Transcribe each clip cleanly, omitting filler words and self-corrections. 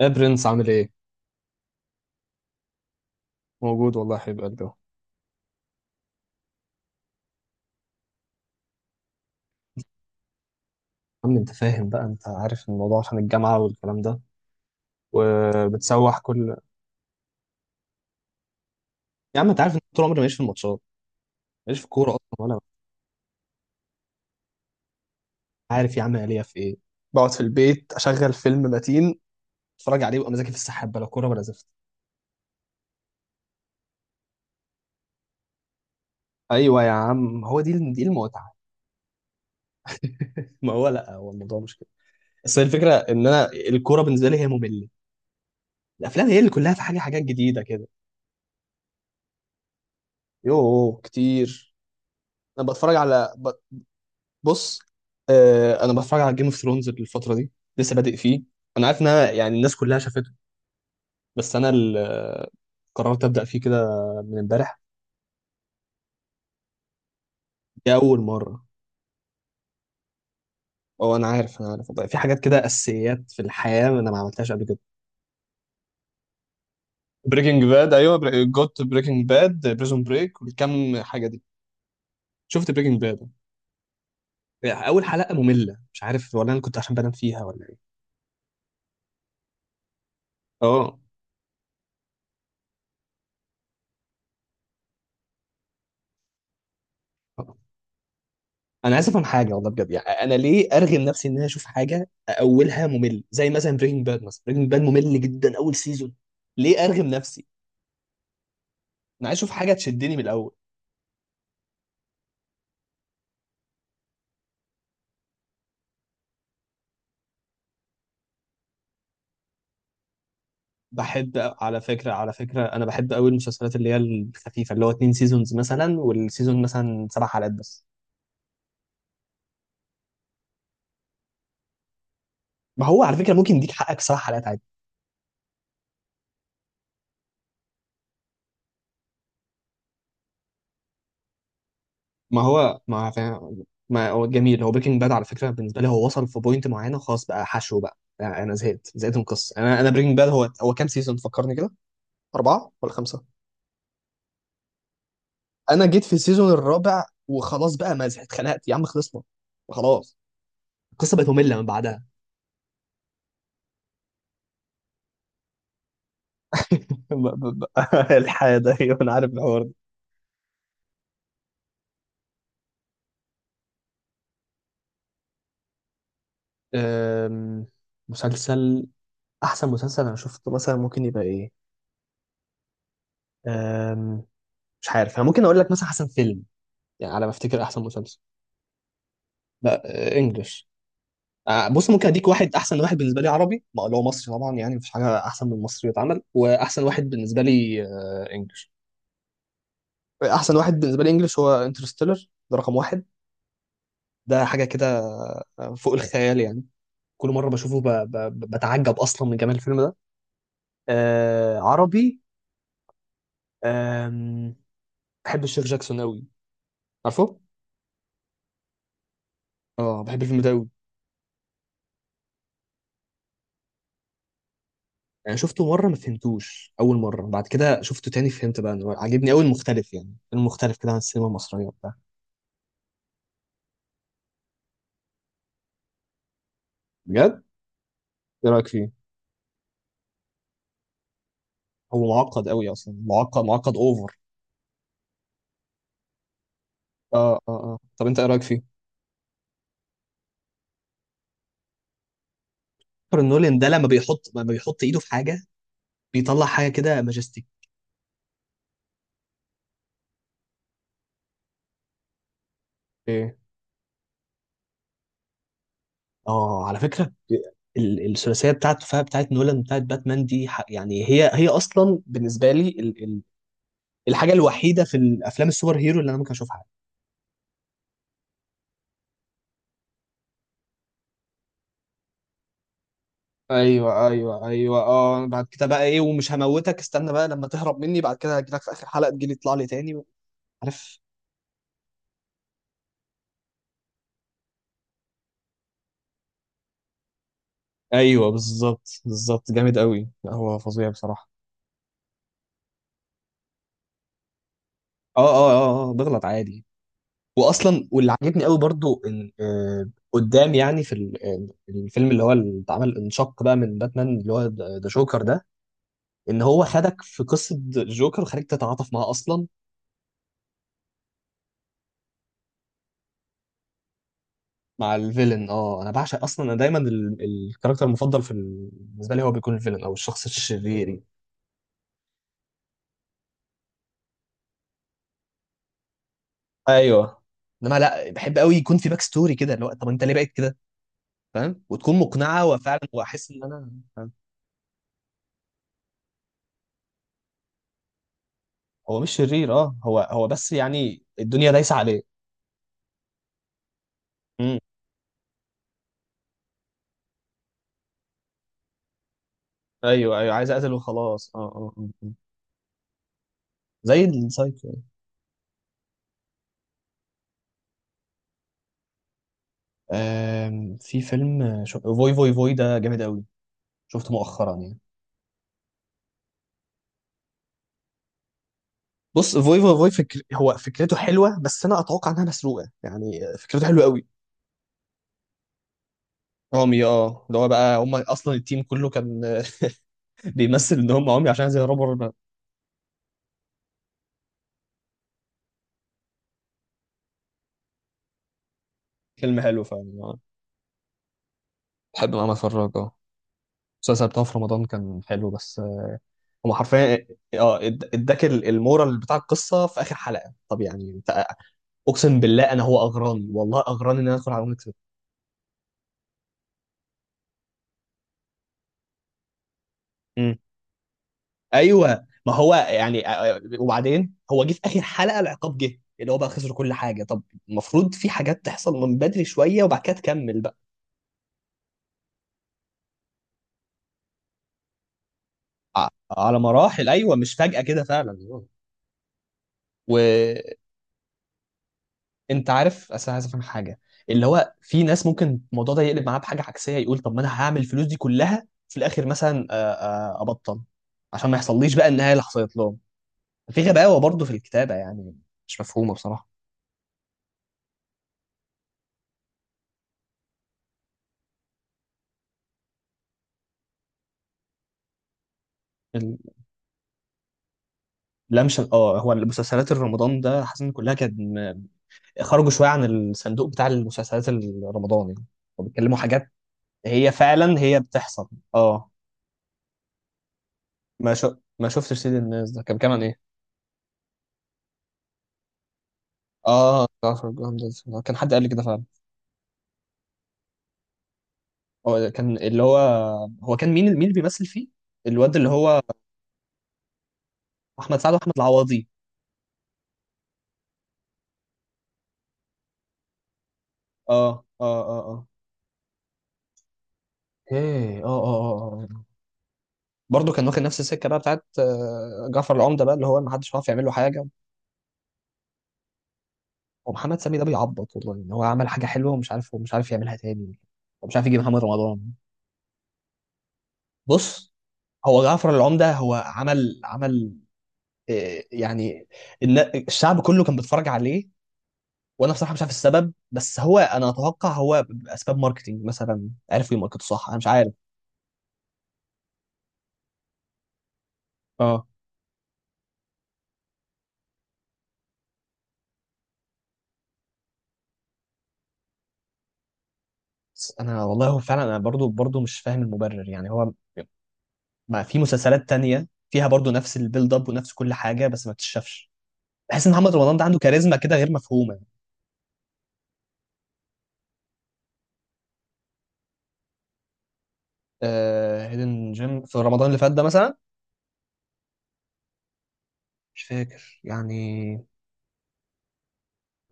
يا برنس، عامل ايه؟ موجود والله يا حبيب قلبي أهو. عم انت فاهم بقى، انت عارف الموضوع عشان الجامعة والكلام ده وبتسوح كل... يا عم، انت عارف ان طول عمري ماليش في الماتشات، ماليش في الكورة اصلا، ولا... عارف يا عم، أنا ليا في ايه؟ بقعد في البيت، اشغل فيلم متين، اتفرج عليه، وابقى مزاجي في السحاب بلا كورة ولا زفت. ايوه يا عم، هو دي المتعة. ما هو لا، هو الموضوع مش كده، بس هي الفكرة ان انا الكورة بالنسبة لي هي مملة، الافلام هي اللي كلها في حاجة، حاجات جديدة كده. يوه كتير. انا بتفرج على بص. انا بتفرج على جيم اوف ثرونز الفتره دي، لسه بادئ فيه. انا عارف ان أنا يعني الناس كلها شافته، بس انا قررت ابدا فيه كده من امبارح. دي اول مره. اه، انا عارف انا عارف والله. في حاجات كده اساسيات في الحياه انا ما عملتهاش قبل كده. بريكنج باد، ايوه. جوت، بريكنج باد، بريزون بريك، والكم حاجه دي. شفت بريكنج باد، اول حلقه ممله، مش عارف ولا انا كنت عشان بنام فيها ولا ايه. اه. انا اسف عن حاجه والله بجد، يعني انا ليه ارغم نفسي ان انا اشوف حاجه اولها ممل، زي مثلا بريكنج باد؟ مثلا بريكنج باد ممل جدا اول سيزون. ليه ارغم نفسي؟ انا عايز اشوف حاجه تشدني من الاول. بحب. على فكره، على فكره، انا بحب قوي المسلسلات اللي هي الخفيفه، اللي هو 2 سيزونز مثلا، والسيزون مثلا 7 حلقات بس. ما هو على فكره ممكن يديك حقك 7 حلقات عادي. ما هو ما فاهم، ما هو جميل، هو بريكنج باد على فكره بالنسبه لي، هو وصل في بوينت معينه، خلاص بقى حشو بقى، يعني انا زهقت من القصه. انا بريكنج باد هو كام سيزون فكرني كده؟ 4 ولا 5؟ أنا جيت في السيزون الرابع وخلاص بقى، مازح، اتخنقت يا عم، خلصنا. خلاص. القصة بقت مملة من بعدها. ب- ب- ب- الحياة ده، أيوة، أنا عارف الحوار ده. أم... مسلسل... أحسن مسلسل أنا شفته مثلا ممكن يبقى إيه؟ أم... مش عارف. أنا ممكن أقول لك مثلا أحسن فيلم. يعني على ما أفتكر أحسن مسلسل... لا. إنجلش. بص، ممكن أديك واحد. أحسن واحد بالنسبة لي عربي، ما اللي هو لو مصري طبعا، يعني مفيش حاجة أحسن من المصري يتعمل. وأحسن واحد بالنسبة لي إنجلش. احسن واحد بالنسبه لي انجلش هو انترستيلر، ده رقم واحد. ده حاجه كده فوق الخيال يعني. كل مره بشوفه بتعجب اصلا من جمال الفيلم ده. عربي... آم... بحب الشيخ جاكسون قوي، عارفه؟ اه، بحب الفيلم ده قوي. يعني شفته مره ما فهمتوش اول مره، بعد كده شفته تاني فهمت بقى انه عاجبني قوي، المختلف، يعني المختلف كده عن السينما المصريه وبتاع. بجد؟ ايه رايك فيه؟ هو معقد قوي اصلا، معقد، معقد اوفر. اه اه اه، طب انت ايه رايك فيه؟ كريستوفر نولان ده لما بيحط ايده في حاجه بيطلع حاجه كده ماجستيك. ايه؟ اه، على فكره الثلاثيه بتاعته، فيها بتاعت نولان، بتاعت باتمان دي، يعني هي اصلا بالنسبه لي ال ال الحاجه الوحيده في الافلام السوبر هيرو اللي انا ممكن اشوفها. ايوه ايوه ايوه، اه، بعد كده بقى ايه، ومش هموتك، استنى بقى لما تهرب مني بعد كده هجيلك في اخر حلقه تجيلي تطلع لي تاني. عارف؟ ايوه، بالظبط، بالظبط، جامد قوي، لا، هو فظيع بصراحه. اه اه اه، بغلط عادي. واصلا، واللي عجبني قوي برضو ان قدام، يعني في الفيلم اللي هو اللي اتعمل انشق بقى من باتمان اللي هو ذا جوكر ده، ان هو خدك في قصه الجوكر وخليك تتعاطف معاه اصلا. مع الفيلن. اه، انا بعشق اصلا، انا دايما الكاركتر المفضل في بالنسبه لي هو بيكون الفيلن او الشخص الشرير يعني. ايوه، انما لا، بحب قوي يكون في باك ستوري كده، اللي هو طب انت ليه بقيت كده، فاهم؟ وتكون مقنعه وفعلا واحس ان انا فاهم؟ هو مش شرير، اه، هو بس يعني الدنيا دايسه عليه. ايوه ايوه، عايز اقتل وخلاص. اه اه. زي السايكو. في فيلم فوي فوي فوي ده جامد قوي، شفته مؤخرا يعني. بص، فوي فوي فوي، هو فكرته حلوه، بس انا اتوقع انها مسروقه. يعني فكرته حلوه قوي. عمي، اه، اللي هو بقى هم اصلا التيم كله كان بيمثل ان هم عمي عشان عايز يهربوا الربا. فيلم حلو فعلا. بحب ان انا اتفرج، المسلسل بتاعه في رمضان كان حلو بس. هم حرفيا. اه اداك المورال بتاع القصه في اخر حلقه، طب يعني انت... اقسم بالله، انا هو اغراني والله، اغراني ان انا ادخل على نكسب. امم. ايوه، ما هو يعني، وبعدين هو جه في اخر حلقه العقاب، جه اللي هو بقى خسر كل حاجه. طب المفروض في حاجات تحصل من بدري شويه، وبعد كده تكمل بقى. ع- على مراحل، ايوه، مش فجاه كده فعلا. وانت عارف، اصل أنا عايز افهم حاجه، اللي هو في ناس ممكن الموضوع ده يقلب معاه بحاجه عكسيه، يقول طب ما انا هعمل الفلوس دي كلها في الاخر مثلا، ابطل عشان ما يحصليش بقى النهايه اللي حصلت لهم. في غباوة برضه في الكتابة يعني، مش مفهومة بصراحة. اللمسة، اه، هو المسلسلات الرمضان ده حاسس ان كلها كانت خرجوا شوية عن الصندوق بتاع المسلسلات الرمضان يعني، وبيتكلموا حاجات هي فعلا هي بتحصل. اه. ما شفتش سيد الناس، ده كان كمان ايه؟ اه، جعفر الجمجمة ده، كان حد قال لي كده فعلا. هو كان اللي هو... هو كان مين اللي بيمثل فيه، الواد اللي هو... احمد سعد واحمد العوضي. اه اه اه اه، ايه، اه اه اه. برضه كان واخد نفس السكه بقى بتاعت جعفر العمده بقى، اللي هو ما حدش عارف يعمل له حاجه. ومحمد سامي ده بيعبط والله ان هو عمل حاجه حلوه، ومش عارف يعملها تاني، ومش عارف يجيب محمد رمضان. بص، هو جعفر العمده هو عمل يعني الن- الشعب كله كان بيتفرج عليه، وانا بصراحه مش عارف السبب، بس هو انا اتوقع هو باسباب ماركتينج مثلا، عرفوا يماركتوا صح، انا مش عارف. اه، بس انا والله هو فعلا، انا برضو مش فاهم المبرر يعني. هو ما في مسلسلات تانية فيها برضو نفس البيلد اب ونفس كل حاجة، بس ما تتشافش. بحس ان محمد رمضان ده عنده كاريزما كده غير مفهومة. هيدن جيم في رمضان اللي فات ده مثلا. مش فاكر يعني.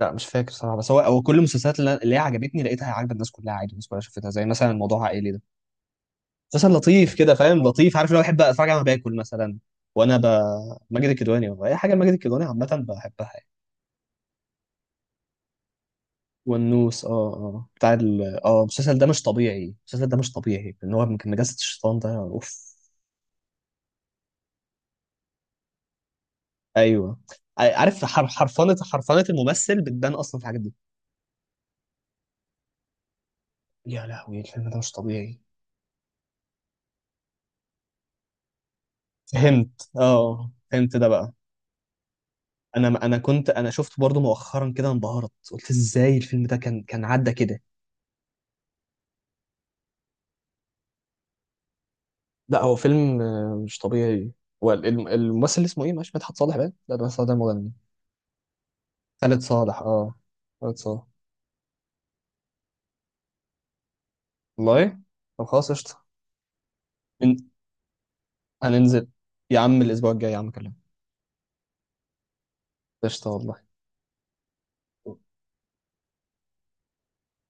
لا مش فاكر صراحة، بس هو كل المسلسلات اللي اللي هي عجبتني لقيتها عاجبة الناس كلها، عادي، الناس كلها شافتها، زي مثلا الموضوع عائلي ده. مسلسل لطيف كده، فاهم، لطيف، عارف اللي هو بحب اتفرج عليه وانا باكل مثلا. وانا ب... ماجد الكدواني والله، اي حاجة لماجد الكدواني عامة بحبها يعني. والنوس، بتاع ال اه المسلسل ده مش طبيعي، المسلسل ده مش طبيعي ان هو كان نجاسة الشيطان ده، اوف. ايوه. عارف، حرفنة حرفنة الممثل بتبان اصلا في الحاجات دي. يا لهوي، الفيلم ده مش طبيعي. فهمت، فهمت ده بقى. انا شفت برضو مؤخرا كده، انبهرت، قلت ازاي الفيلم ده كان عدى كده. لا، هو فيلم مش طبيعي. والممثل اللي اسمه ايه، مش مدحت صالح بقى، لا، ده مدحت صالح ده مغني. خالد صالح، اه. خالد صالح. والله، طب خلاص، قشطة. من هننزل. يا عم، الاسبوع الجاي يا عم، اكلمك. قشطه والله.